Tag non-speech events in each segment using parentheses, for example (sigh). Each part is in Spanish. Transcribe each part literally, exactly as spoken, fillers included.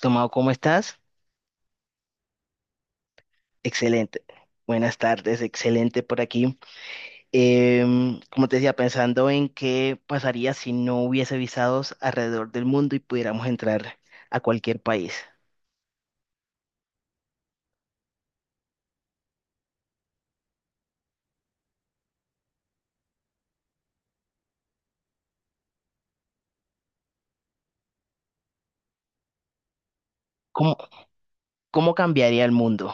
Tomado, ¿cómo estás? Excelente. Buenas tardes, excelente por aquí. Em, como te decía, pensando en qué pasaría si no hubiese visados alrededor del mundo y pudiéramos entrar a cualquier país. ¿Cómo, cómo cambiaría el mundo?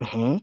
Ujú.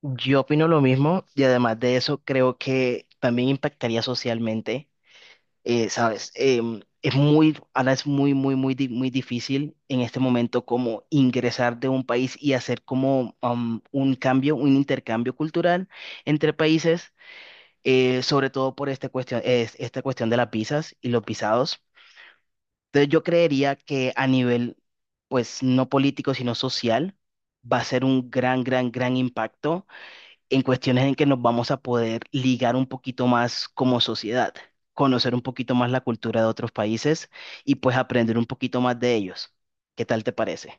Yo opino lo mismo y además de eso creo que también impactaría socialmente, eh, ¿sabes? Em, es muy, ahora es muy, muy, muy, di- muy difícil en este momento, como ingresar de un país y hacer como am, un cambio, un intercambio cultural entre países, eh, sobre todo por esta cuestión, es- esta cuestión de las visas y los visados. Entonces yo creería que a nivel, pues no político, sino social, va a ser un gran, gran, gran impacto en cuestiones en que nos vamos a poder ligar un poquito más como sociedad, conocer un poquito más la cultura de otros países y pues aprender un poquito más de ellos. ¿Qué tal te parece?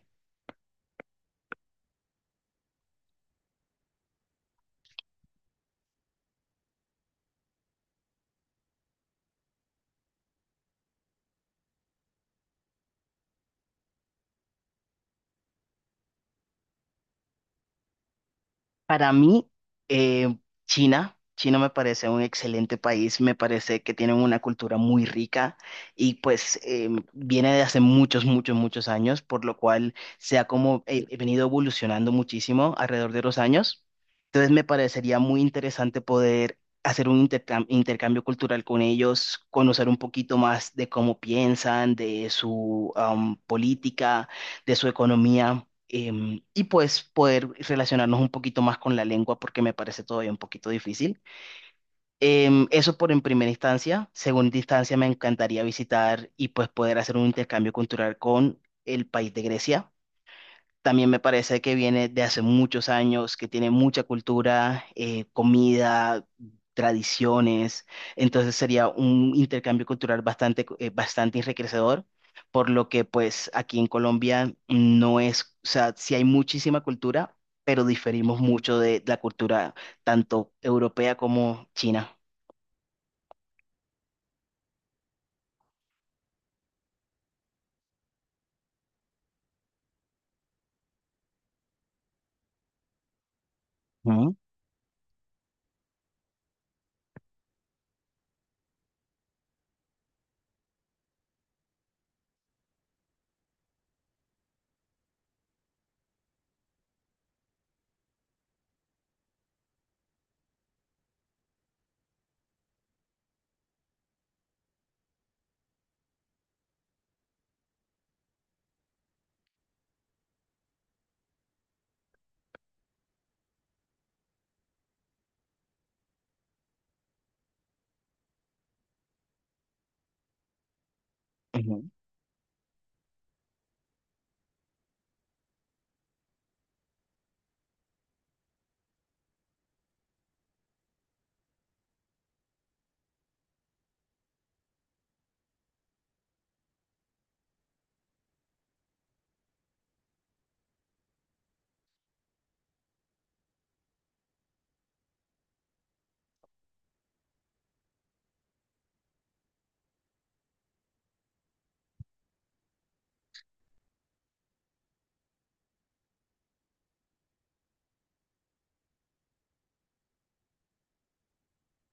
Para mí, eh, China, China me parece un excelente país, me parece que tienen una cultura muy rica y pues eh, viene de hace muchos, muchos, muchos años, por lo cual se ha como eh, venido evolucionando muchísimo alrededor de los años. Entonces me parecería muy interesante poder hacer un intercam- intercambio cultural con ellos, conocer un poquito más de cómo piensan, de su am, política, de su economía, em, y pues poder relacionarnos un poquito más con la lengua porque me parece todavía un poquito difícil. Em, eso por en primera instancia. Segunda instancia, me encantaría visitar y pues poder hacer un intercambio cultural con el país de Grecia. También me parece que viene de hace muchos años, que tiene mucha cultura, eh, comida, tradiciones. Entonces sería un intercambio cultural bastante, eh, bastante enriquecedor, por lo que pues aquí en Colombia no es, o sea, sí hay muchísima cultura, pero diferimos mucho de la cultura tanto europea como china. Ujú, ujú.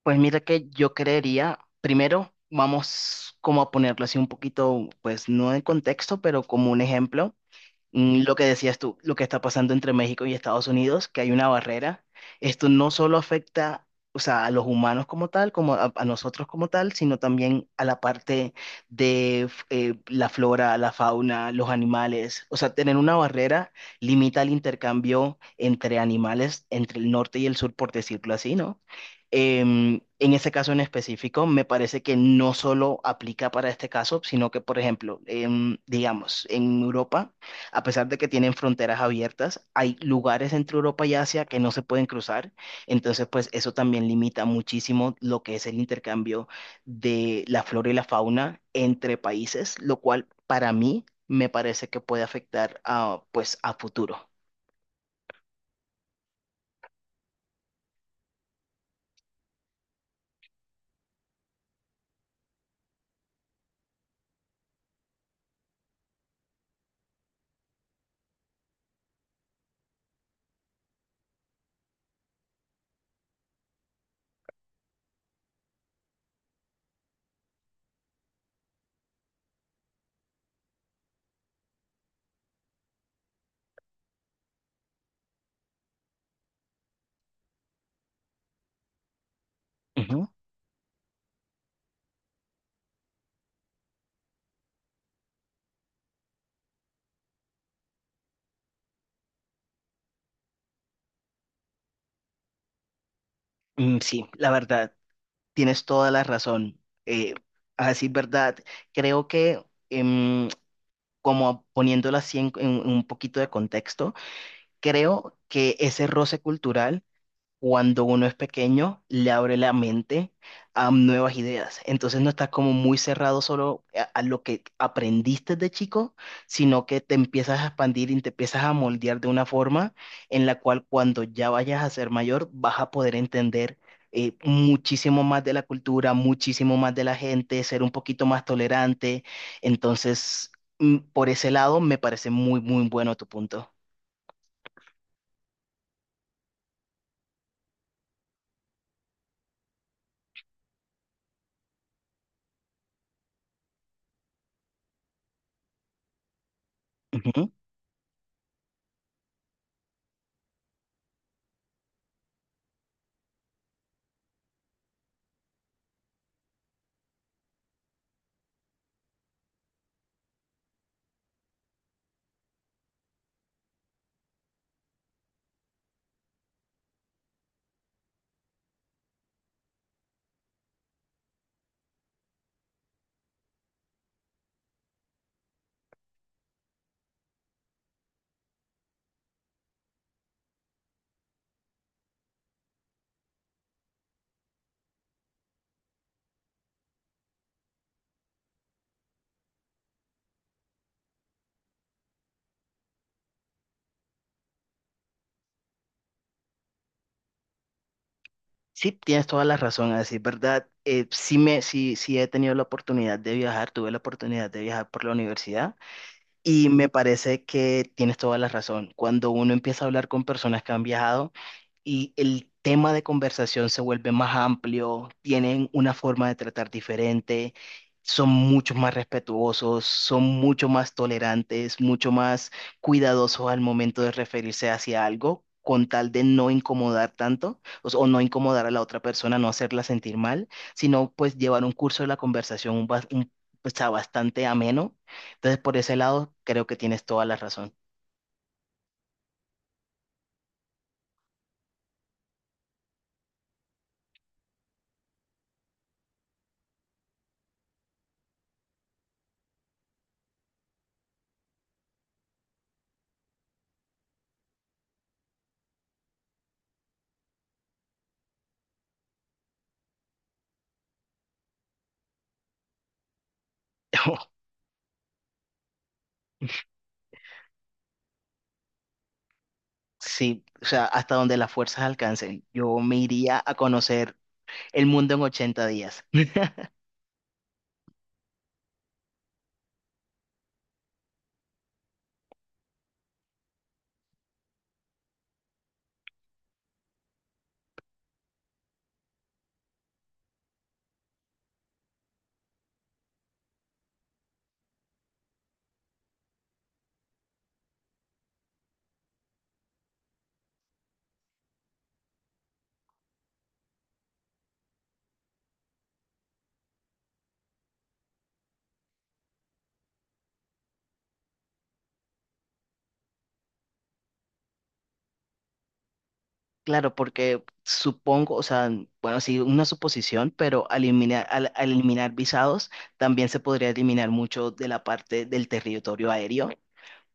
Pues mira que yo creería, primero vamos como a ponerlo así un poquito, pues no en contexto, pero como un ejemplo, mm, lo que decías tú, lo que está pasando entre México y Estados Unidos, que hay una barrera. Esto no solo afecta, o sea, a los humanos como tal, como a, a nosotros como tal, sino también a la parte de f- eh, la flora, la fauna, los animales. O sea, tener una barrera limita el intercambio entre animales, entre el norte y el sur, por decirlo así, ¿no? Em, en ese caso en específico, me parece que no solo aplica para este caso, sino que, por ejemplo, em, digamos, en Europa, a pesar de que tienen fronteras abiertas, hay lugares entre Europa y Asia que no se pueden cruzar. Entonces, pues eso también limita muchísimo lo que es el intercambio de la flora y la fauna entre países, lo cual para mí me parece que puede afectar a, pues, a futuro. Ujú. Mm, sí, la verdad, tienes toda la razón. Eh, a decir verdad, creo que, em, como poniéndolo así en en un poquito de contexto, creo que ese roce cultural, cuando uno es pequeño, le abre la mente a nuevas ideas. Entonces no estás como muy cerrado solo a, a lo que aprendiste de chico, sino que te empiezas a expandir y te empiezas a moldear de una forma en la cual cuando ya vayas a ser mayor vas a poder entender, eh, muchísimo más de la cultura, muchísimo más de la gente, ser un poquito más tolerante. Entonces, mm, por ese lado, me parece muy, muy bueno tu punto. Sí, tienes toda la razón, así es verdad. Eh, sí, me, sí, sí he tenido la oportunidad de viajar, tuve la oportunidad de viajar por la universidad. Y me parece que tienes toda la razón. Cuando uno empieza a hablar con personas que han viajado y el tema de conversación se vuelve más amplio, tienen una forma de tratar diferente, son mucho más respetuosos, son mucho más tolerantes, mucho más cuidadosos al momento de referirse hacia algo, con tal de no incomodar tanto o, s- o no incomodar a la otra persona, no hacerla sentir mal, sino pues llevar un curso de la conversación un bas- un- o sea, bastante ameno, entonces, por ese lado, creo que tienes toda la razón. (laughs) Sí, o sea, hasta donde las fuerzas alcancen, yo me iría a conocer el mundo en ochenta días. Claro, porque supongo, o sea, bueno, sí, una suposición, pero al eliminar, al, al eliminar visados, también se podría eliminar mucho de la parte del territorio aéreo,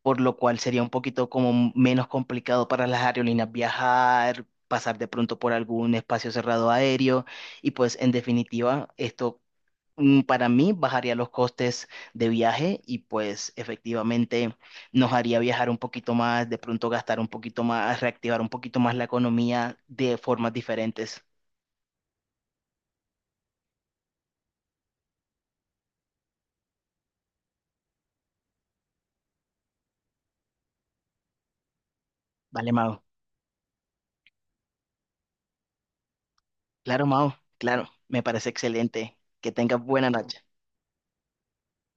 por lo cual sería un poquito como menos complicado para las aerolíneas viajar, pasar de pronto por algún espacio cerrado aéreo, y pues en definitiva, esto, mm, Para mí bajaría los costes de viaje y pues efectivamente nos haría viajar un poquito más, de pronto gastar un poquito más, reactivar un poquito más la economía de formas diferentes. Vale, Mao. Claro, Mao. Claro, me parece excelente. Que tengas buena noche.